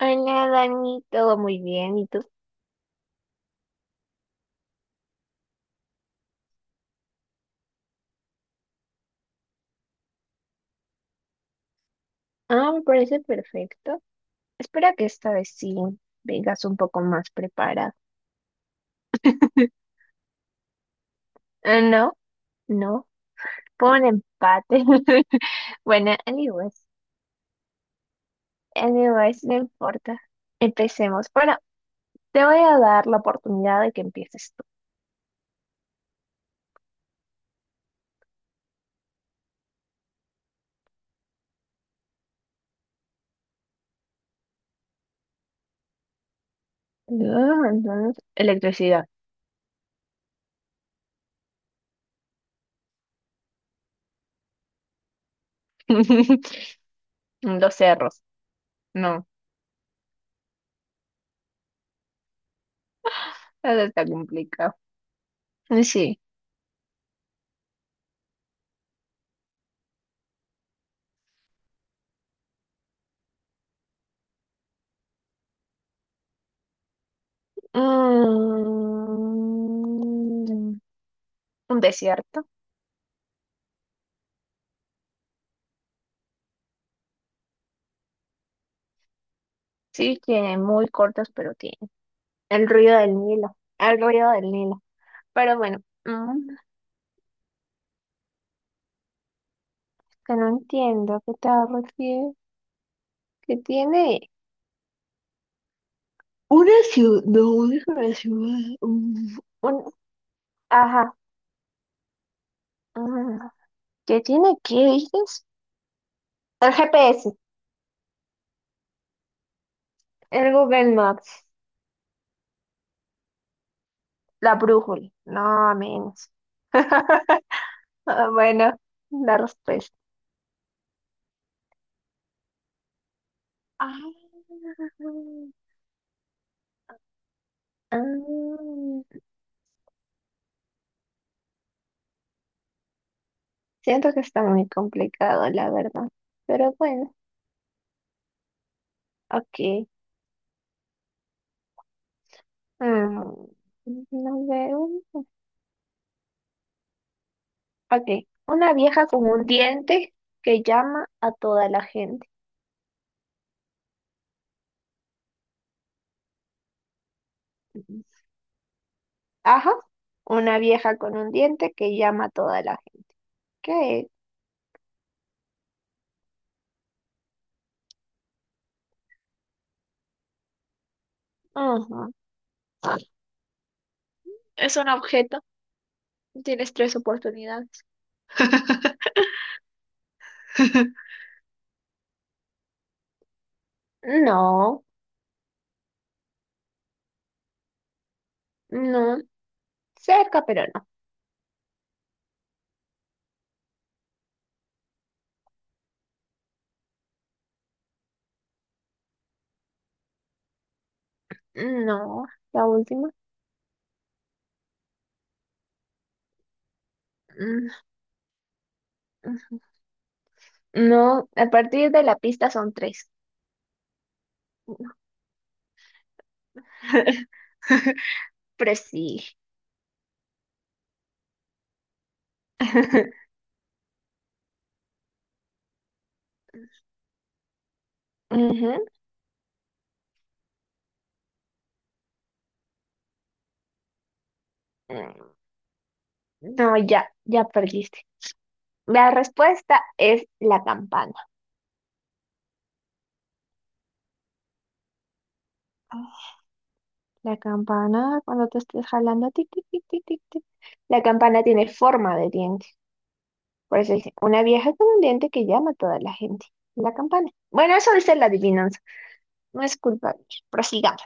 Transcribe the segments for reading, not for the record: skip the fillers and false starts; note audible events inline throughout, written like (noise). Hola, Dani, todo muy bien, ¿y tú? Ah, me parece perfecto. Espero que esta vez sí vengas un poco más preparada. (laughs) Ah, no, no, fue un empate. (laughs) Bueno, anyways, no importa. Empecemos. Bueno, te voy a dar la oportunidad de que empieces tú. (laughs) Ah, entonces, electricidad. (laughs) Los cerros. No, eso está complicado. Sí. Mm, un desierto. Sí, tiene muy cortos, pero tiene el ruido del Nilo, el ruido del Nilo. Pero bueno, mm, que no entiendo a qué te refieres, que tiene una ciudad, no es una ciudad, ajá, mm, ¿qué tiene? ¿Qué dices? El GPS, el Google Maps, la brújula, no, menos. (laughs) Ah, bueno, la respuesta. Ah, ah, siento que está muy complicado, la verdad. Pero bueno, ok. Mm, no veo. Ok. Una vieja con un diente que llama a toda la gente. Ajá. Una vieja con un diente que llama a toda la gente. ¿Qué es? Ujú. Es un objeto. Tienes tres oportunidades. (laughs) No, no. Cerca, pero no. No. La última. Mm, no. A partir de la pista son tres. (laughs) Pero sí. (laughs) Ujú. No, ya, ya perdiste. La respuesta es la campana. La campana, cuando te estés jalando, tic, tic, tic, tic, tic, tic. La campana tiene forma de diente. Por eso dice, una vieja con un diente que llama a toda la gente. La campana. Bueno, eso dice la adivinanza. No es culpa mía. Prosigamos.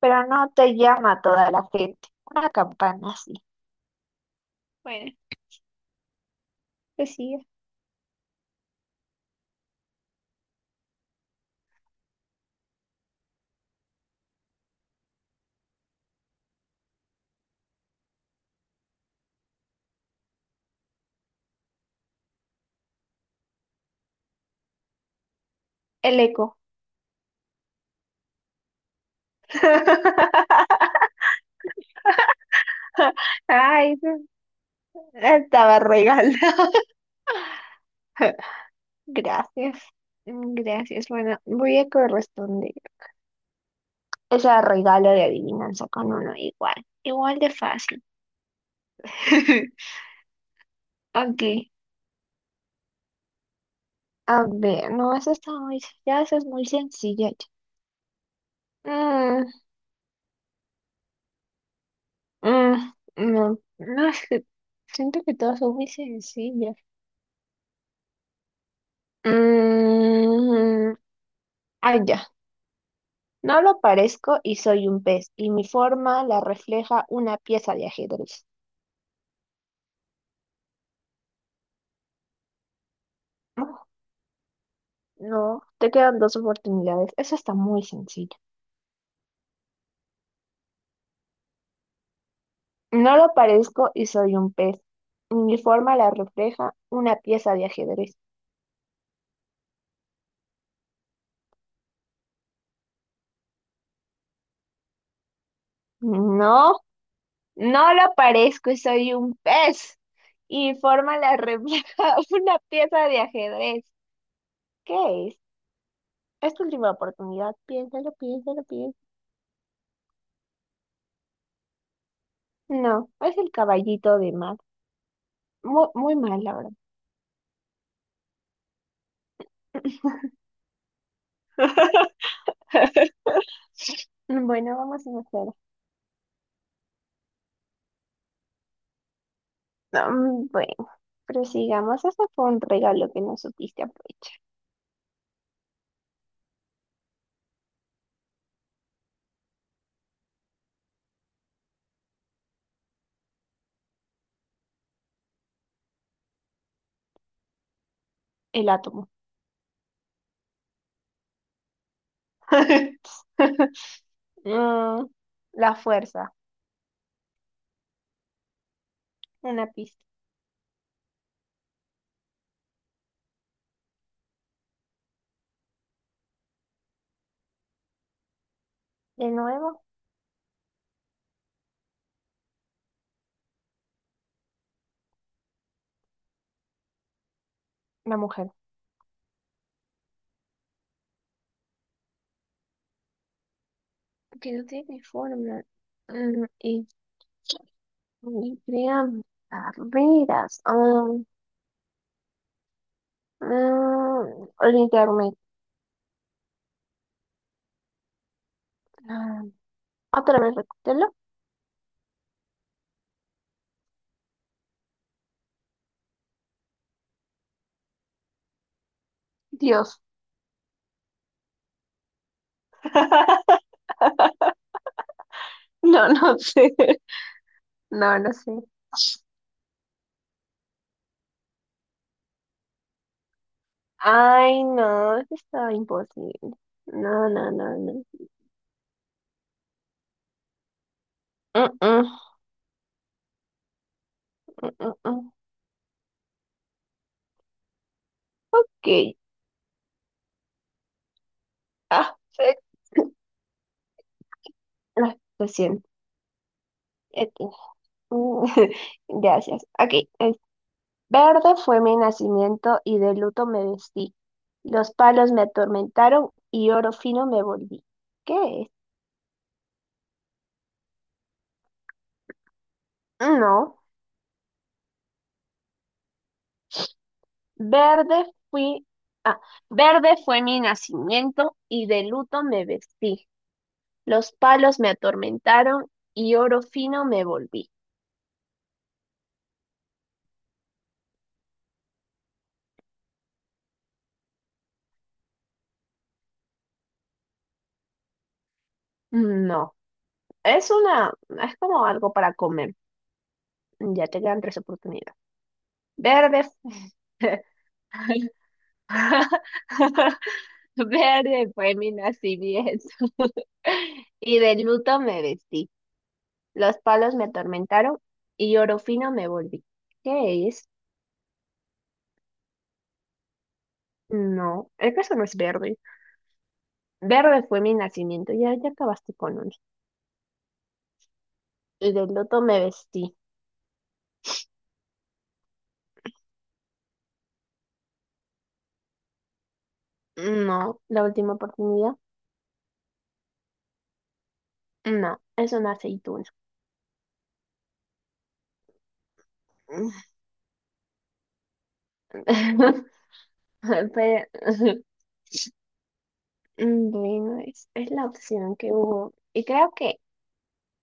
Pero no te llama a toda la gente. Una campana, sí. Bueno, pues sí. El eco. (laughs) (laughs) Ay, estaba regalada. (laughs) Gracias. Gracias. Bueno, voy a corresponder esa regalo de adivinanza con uno igual. Igual de fácil. (laughs) Ok. A ver, no, eso está muy, ya eso es muy sencilla. Ya. Mm, mm, no, no, es que siento que todas son muy sencillas. Mm, ya. No lo parezco y soy un pez, y mi forma la refleja una pieza de ajedrez. No, te quedan dos oportunidades. Eso está muy sencillo. No lo parezco y soy un pez. Mi forma la refleja una pieza de ajedrez. No, no lo parezco y soy un pez. Y mi forma la refleja (laughs) una pieza de ajedrez. ¿Qué es? Es tu última oportunidad. Piénsalo, piénsalo, piénsalo. No, es el caballito de mar. Muy, muy mal, la verdad. (laughs) Bueno, vamos a hacer. Bueno. Pero sigamos, eso fue un regalo que no supiste aprovechar. El átomo. (laughs) Mm, la fuerza. Una pista. De nuevo, la mujer. Que no tiene forma. Mm, y, y crean carreras. El internet. Ah, otra vez, recútelo. Dios. (laughs) No, no sé. No, no sé. Ay, no, eso está imposible. No, no, no, no. Mm, mm. Mm, mm, ok. Ah, fe- ah, lo siento. Ok. Mm, (laughs) Gracias. Ok. es- Verde fue mi nacimiento y de luto me vestí. Los palos me atormentaron y oro fino me volví. ¿Qué es? No. Verde fui. Ah, verde fue mi nacimiento y de luto me vestí. Los palos me atormentaron y oro fino me volví. No. Es una. Es como algo para comer. Ya te quedan tres oportunidades. Verde. (laughs) Verde fue mi nacimiento. (laughs) Y de luto me vestí. Los palos me atormentaron y oro fino me volví. ¿Qué es? No, el caso no es verde. Verde fue mi nacimiento. Ya, ya acabaste con uno. Y de luto me vestí. No, la última oportunidad. No, es una aceituna. (laughs) Pero, (laughs) bueno, es la opción que hubo. Y creo que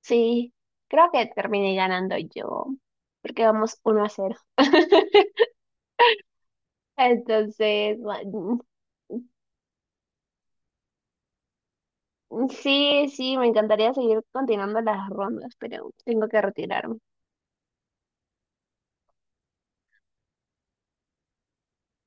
sí, creo que terminé ganando yo, porque vamos 1-0. (laughs) Entonces, bueno, sí, sí, me encantaría seguir continuando las rondas, pero tengo que retirarme.